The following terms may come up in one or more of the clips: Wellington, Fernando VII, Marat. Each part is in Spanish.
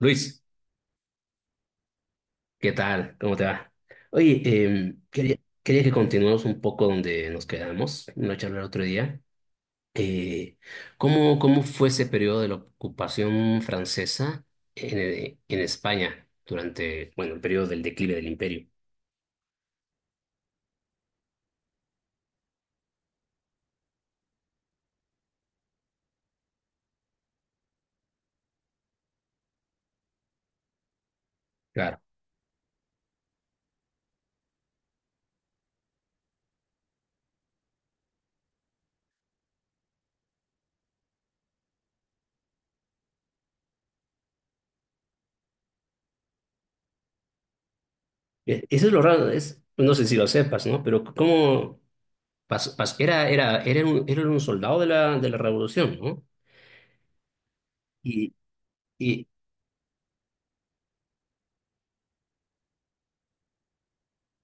Luis, ¿qué tal? ¿Cómo te va? Oye, quería que continuemos un poco donde nos quedamos, en la charla el otro día. Eh, cómo fue ese periodo de la ocupación francesa en España durante, bueno, el periodo del declive del imperio? Claro. Eso es lo raro, es, no sé si lo sepas, ¿no? Pero ¿cómo pasó? Era un soldado de de la revolución, ¿no? Y, y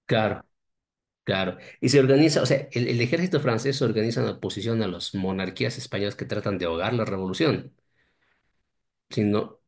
claro. Claro, y se organiza, o sea, el ejército francés se organiza en oposición a las monarquías españolas que tratan de ahogar la revolución. Si no,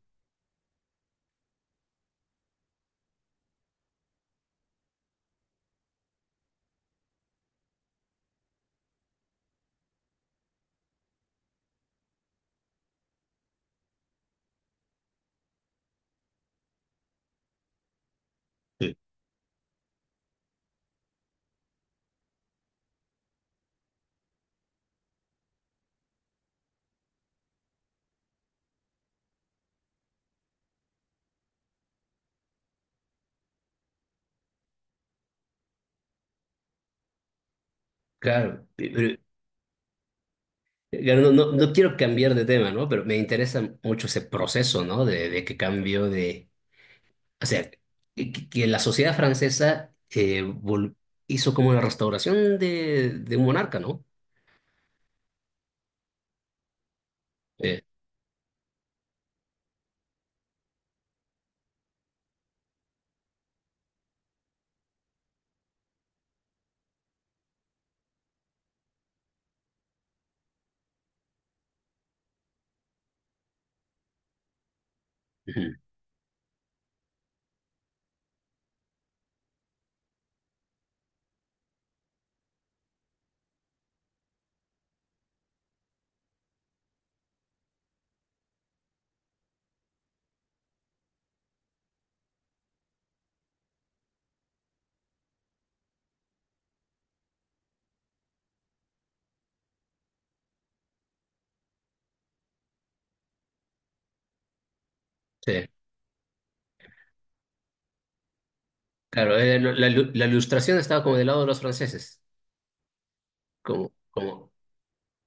claro, claro, no quiero cambiar de tema, ¿no? Pero me interesa mucho ese proceso, ¿no? De que cambió de, o sea, que la sociedad francesa hizo como la restauración de un monarca, ¿no? Sí, ujú, sí. Claro, la ilustración estaba como del lado de los franceses, como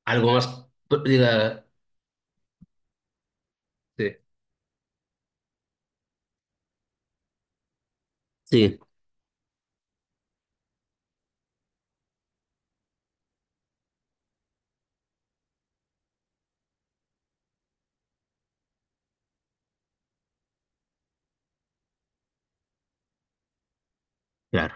algo más, diga... Sí. Sí, claro,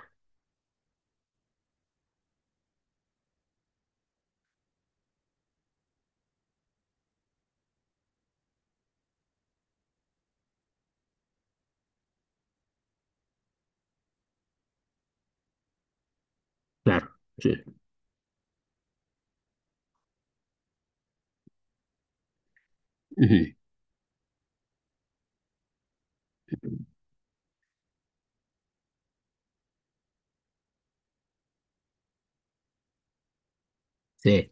claro, sí. Ujú. Sí,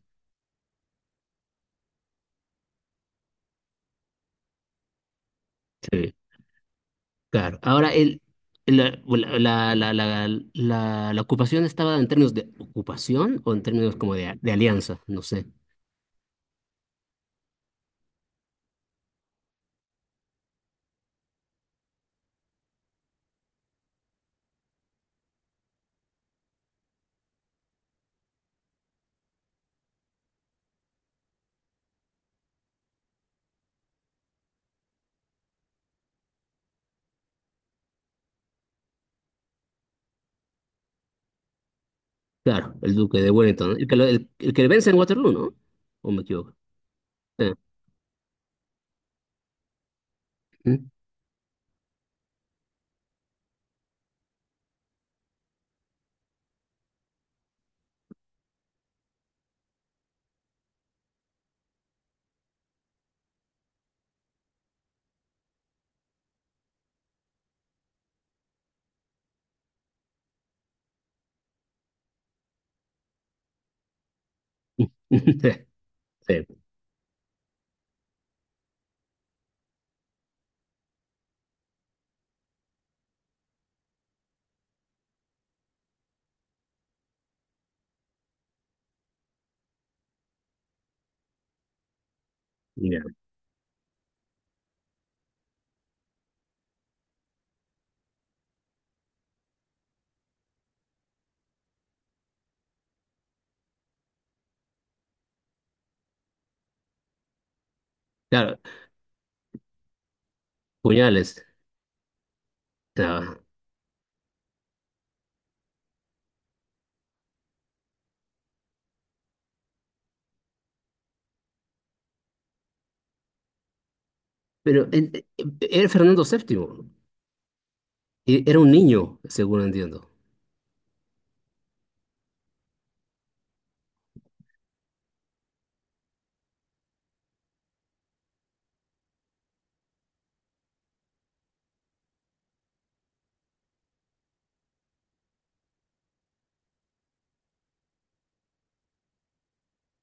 sí, claro. Ahora, la, la, la, la, la ocupación estaba en términos de ocupación o en términos como de alianza, no sé. Claro, el duque de Wellington, el que vence en Waterloo, ¿no? ¿O me equivoco? Sí. ¿Mm? Sí, ya. Claro, puñales. Ah, Pero en- era Fernando VII, era un niño, según entiendo.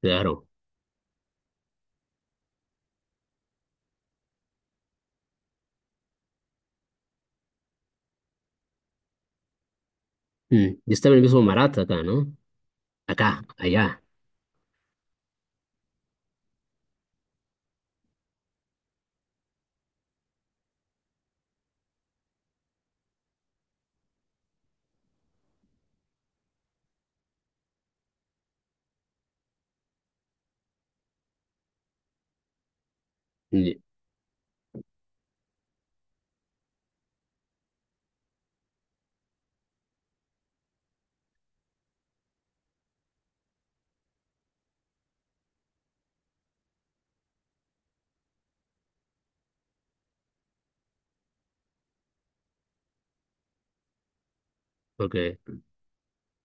Claro. Mm. Y estaba en el mismo Marat acá, ¿no? Acá, allá. Y- Porque,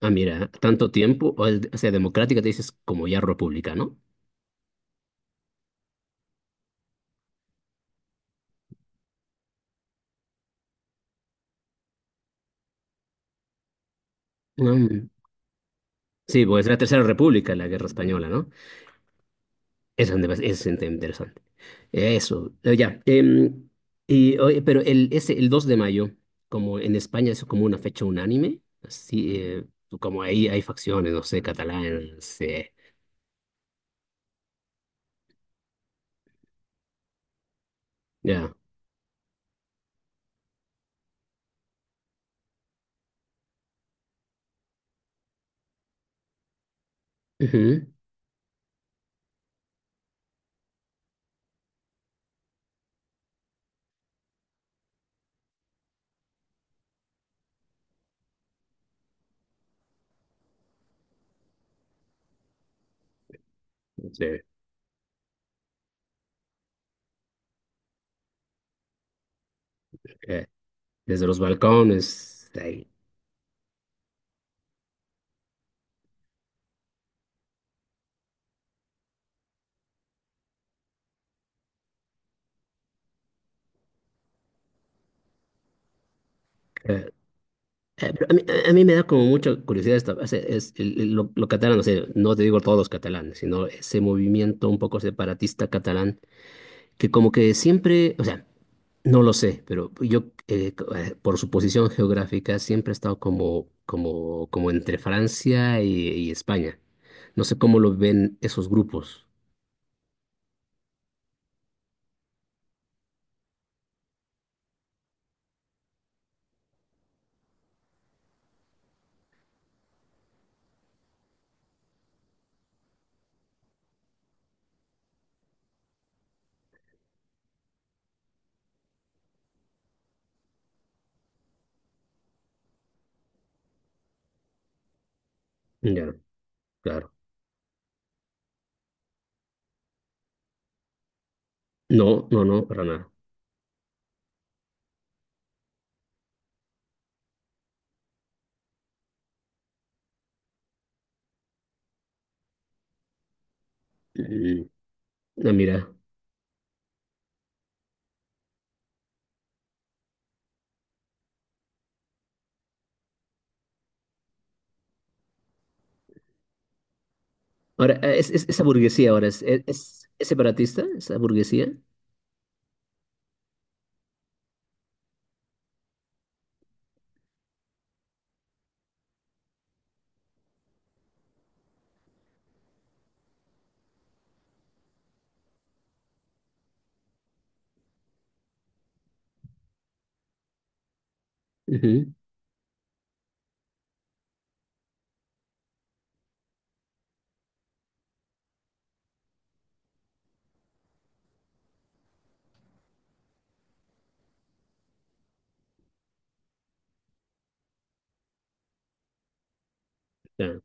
ah, mira, tanto tiempo, o, o sea, democrática te dices como ya república, ¿no? Mm, sí, pues la Tercera República, la Guerra Española, ¿no? Eso es, es interesante. Eso, ya. Y, oye, pero el 2 de mayo, como en España es como una fecha unánime, así, como ahí hay facciones, no sé, catalanes, ya. Ujú, sí, eh, desde los balcones, ahí, eh, Eh, pero a mí, a mí me da como mucha curiosidad esta, lo catalán, o sea, no te digo todos los catalanes, sino ese movimiento un poco separatista catalán, que como que siempre, o sea, no lo sé, pero yo, por su posición geográfica, siempre he estado como entre Francia y España. No sé cómo lo ven esos grupos. Ya, claro. No, no, no, para nada. Mm, no, mira. Ahora, esa burguesía ahora es separatista, esa burguesía. Ujú, ya,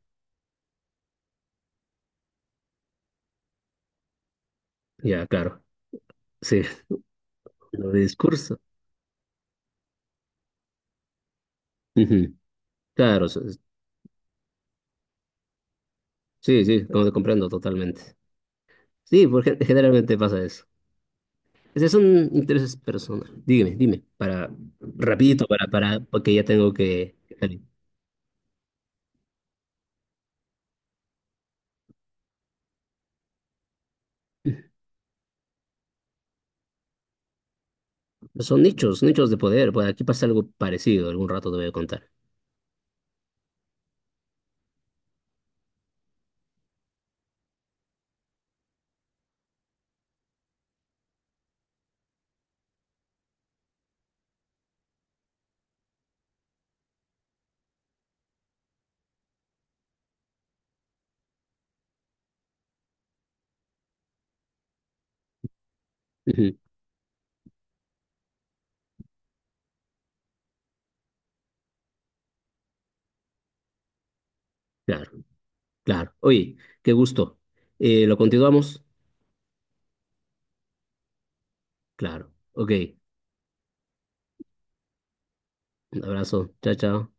ya, claro. Sí, lo de discurso. Ujú. Claro, so- sí, sí, como te comprendo totalmente. Sí, porque generalmente pasa eso. Ese son intereses personales. Dígame, dime, para, rapidito, porque ya tengo que salir. Son nichos, nichos de poder. Bueno, aquí pasa algo parecido, algún rato te voy a contar. Ujú. Claro, claro. Oye, qué gusto. ¿Lo continuamos? Claro. Ok, un abrazo. Chao, chao.